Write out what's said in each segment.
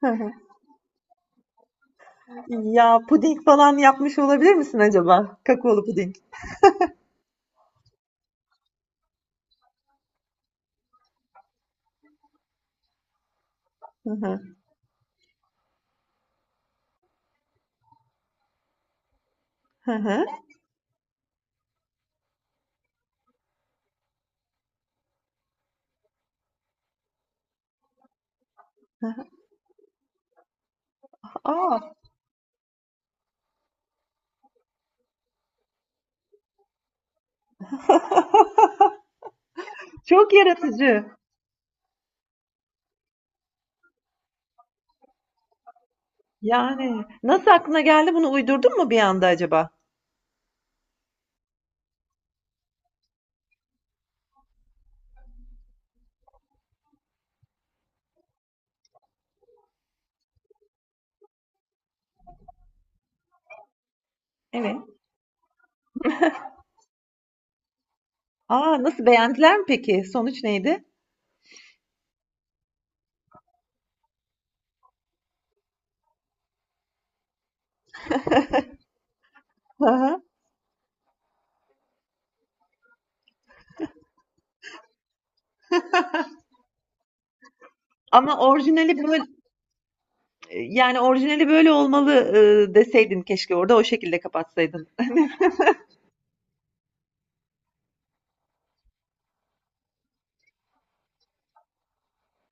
Hı hı. Ya puding falan yapmış olabilir misin acaba? Kakaolu puding. Hı hı. Hı hı. Aa, çok yaratıcı. Yani nasıl aklına geldi bunu uydurdun mu bir anda acaba? Evet. Aa, nasıl beğendiler mi peki? Sonuç neydi? Hı hı. Ama orijinali böyle yani orijinali böyle olmalı. Deseydin keşke orada o şekilde kapatsaydın.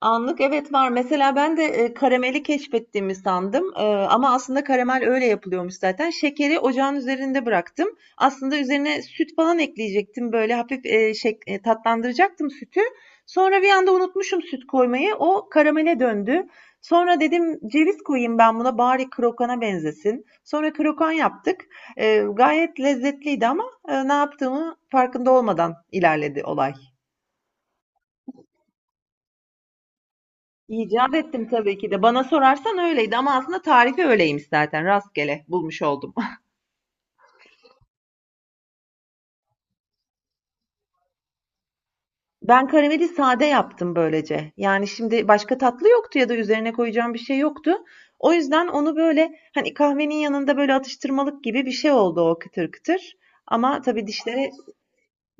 Anlık evet var. Mesela ben de karameli keşfettiğimi sandım. Ama aslında karamel öyle yapılıyormuş zaten. Şekeri ocağın üzerinde bıraktım. Aslında üzerine süt falan ekleyecektim. Böyle hafif tatlandıracaktım sütü. Sonra bir anda unutmuşum süt koymayı. O karamele döndü. Sonra dedim ceviz koyayım ben buna bari krokana benzesin. Sonra krokan yaptık. Gayet lezzetliydi ama ne yaptığımı farkında olmadan ilerledi olay. İcat ettim tabii ki de. Bana sorarsan öyleydi ama aslında tarifi öyleymiş zaten. Rastgele bulmuş oldum. Ben karameli sade yaptım böylece. Yani şimdi başka tatlı yoktu ya da üzerine koyacağım bir şey yoktu. O yüzden onu böyle hani kahvenin yanında böyle atıştırmalık gibi bir şey oldu o kıtır kıtır. Ama tabii dişlere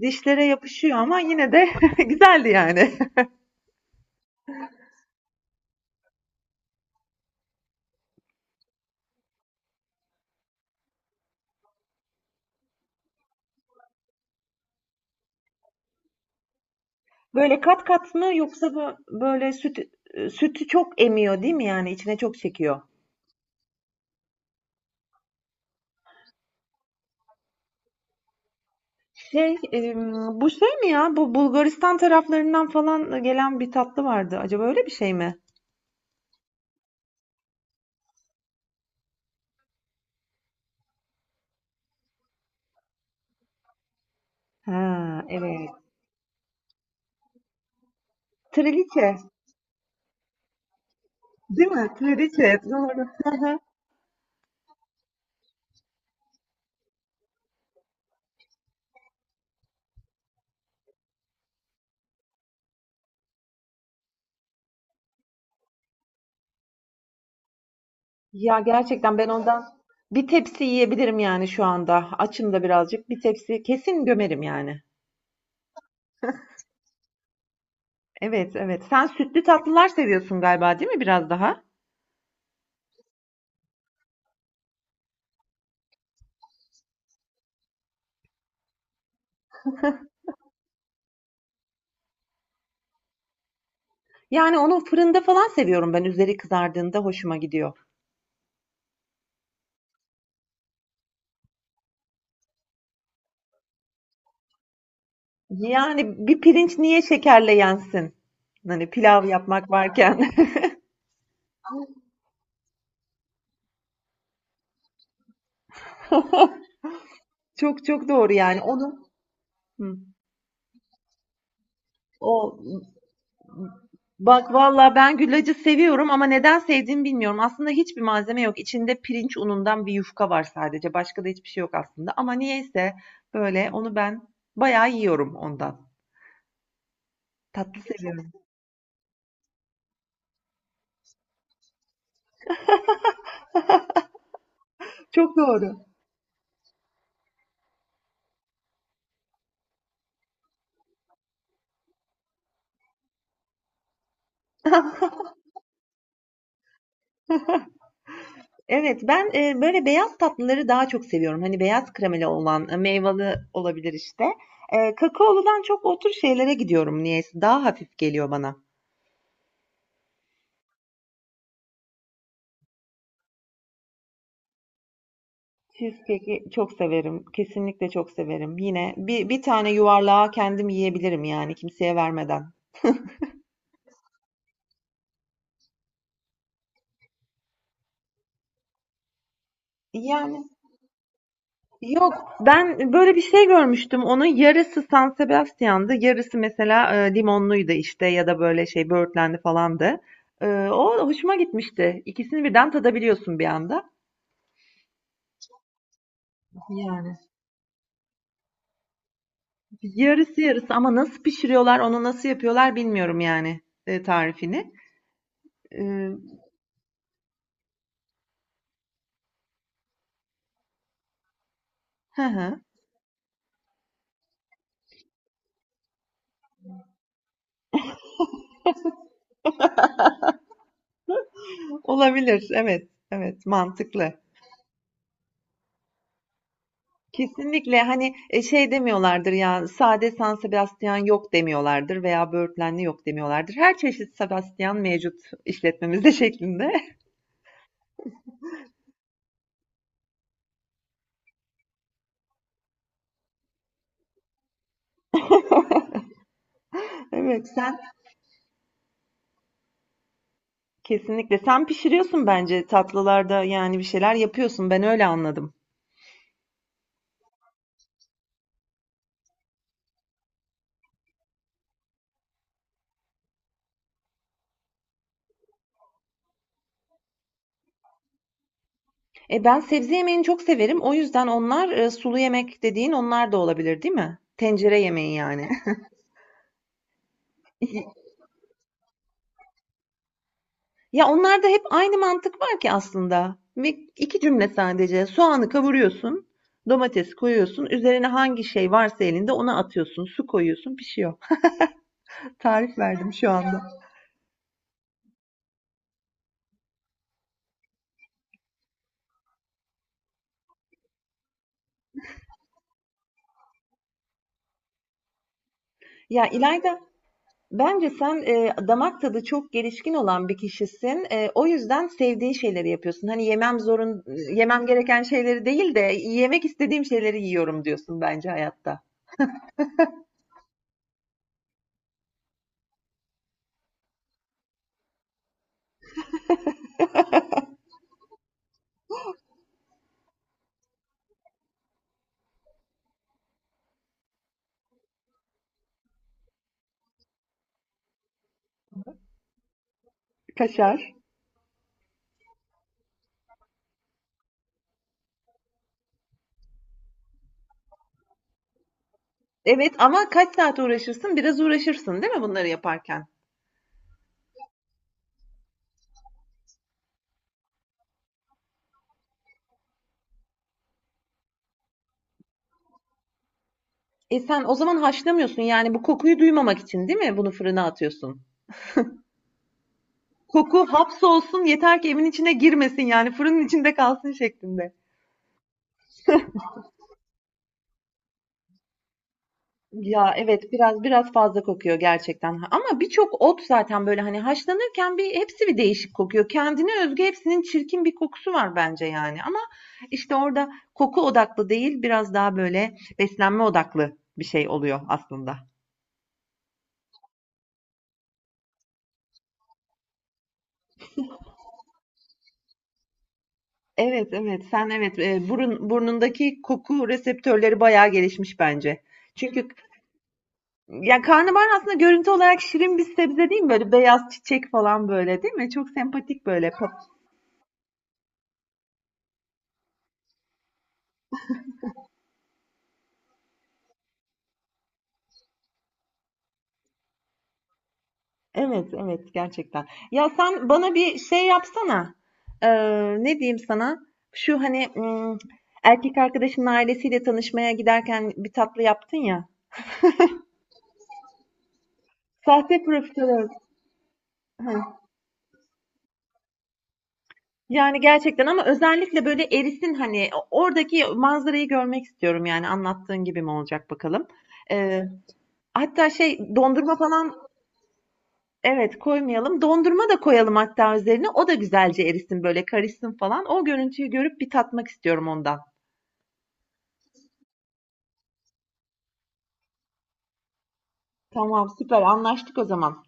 dişlere yapışıyor ama yine de güzeldi yani. Böyle kat kat mı yoksa bu- böyle sütü çok emiyor değil mi yani içine çok çekiyor? Şey, em, Bu şey mi ya? Bu Bulgaristan taraflarından falan gelen bir tatlı vardı. Acaba öyle bir şey mi? Ha, evet. Triliçe. Değil mi? Triliçe. Doğru. Hı hı. Ya gerçekten ben ondan bir tepsi yiyebilirim yani şu anda. Açım da birazcık. Bir tepsi kesin gömerim yani. Evet, evet. Sen sütlü tatlılar seviyorsun galiba, değil mi biraz daha? Yani onu fırında falan seviyorum ben. Üzeri kızardığında hoşuma gidiyor. Yani bir pirinç niye şekerle yensin? Hani pilav yapmak varken. Çok çok doğru yani. Onun o bak valla ben güllacı seviyorum ama neden sevdiğimi bilmiyorum. Aslında hiçbir malzeme yok. İçinde pirinç unundan bir yufka var sadece. Başka da hiçbir şey yok aslında. Ama niyeyse böyle onu ben bayağı yiyorum ondan. Tatlı seviyorum. Çok doğru. Evet ben böyle beyaz tatlıları daha çok seviyorum. Hani beyaz kremeli olan meyveli olabilir işte. Kakaoludan çok o tür şeylere gidiyorum niyeyse. Daha hafif geliyor bana. Cheesecake'i çok severim. Kesinlikle çok severim. Yine bir tane yuvarlağa kendim yiyebilirim yani kimseye vermeden. Yani yok ben böyle bir şey görmüştüm. Onun yarısı San Sebastian'dı. Yarısı mesela limonluydu işte ya da böyle şey böğürtlendi falandı. O hoşuma gitmişti. İkisini birden tadabiliyorsun bir anda. Yani. Yarısı yarısı ama nasıl pişiriyorlar onu nasıl yapıyorlar bilmiyorum yani tarifini. E, hı hı. Olabilir, evet evet, mantıklı. Kesinlikle hani şey demiyorlardır ya sade San Sebastian yok demiyorlardır veya böğürtlenli yok demiyorlardır. Her çeşit Sebastian mevcut işletmemizde şeklinde. Evet kesinlikle sen pişiriyorsun bence tatlılarda yani bir şeyler yapıyorsun ben öyle anladım. E ben sebze yemeğini çok severim o yüzden onlar sulu yemek dediğin onlar da olabilir değil mi? Tencere yemeği yani. Ya onlarda hep aynı mantık var ki aslında. Ve iki cümle sadece. Soğanı kavuruyorsun, domates koyuyorsun, üzerine hangi şey varsa elinde onu atıyorsun, su koyuyorsun, pişiyor. Tarif verdim şu anda. Ya İlayda, bence sen damak tadı çok gelişkin olan bir kişisin. O yüzden sevdiğin şeyleri yapıyorsun. Hani yemem zorun, yemem gereken şeyleri değil de yemek istediğim şeyleri yiyorum diyorsun bence hayatta. Kaşar. Evet ama kaç saat uğraşırsın? Biraz uğraşırsın, değil mi bunları yaparken? E sen o zaman haşlamıyorsun yani bu kokuyu duymamak için değil mi bunu fırına atıyorsun? Koku hapsolsun yeter ki evin içine girmesin yani fırının içinde kalsın şeklinde. Ya evet biraz fazla kokuyor gerçekten. Ama birçok ot zaten böyle hani haşlanırken bir hepsi bir değişik kokuyor. Kendine özgü hepsinin çirkin bir kokusu var bence yani. Ama işte orada koku odaklı değil biraz daha böyle beslenme odaklı bir şey oluyor aslında. Evet, evet. Sen evet, burun burnundaki koku reseptörleri bayağı gelişmiş bence. Çünkü ya karnabahar aslında görüntü olarak şirin bir sebze değil mi? Böyle beyaz çiçek falan böyle değil mi? Çok sempatik böyle. Evet, evet gerçekten. Ya sen bana bir şey yapsana. Ne diyeyim sana? Şu hani erkek arkadaşının ailesiyle tanışmaya giderken bir tatlı yaptın ya. Sahte profiterol. Yani, gerçekten ama özellikle, böyle, erisin, hani, oradaki manzarayı görmek istiyorum, yani, anlattığın gibi mi olacak bakalım. Eee, Hatta şey, dondurma falan. Evet, koymayalım. Dondurma da koyalım hatta üzerine. O da güzelce erisin, böyle, karışsın falan. O görüntüyü görüp bir tatmak istiyorum ondan. Tamam, süper anlaştık o zaman.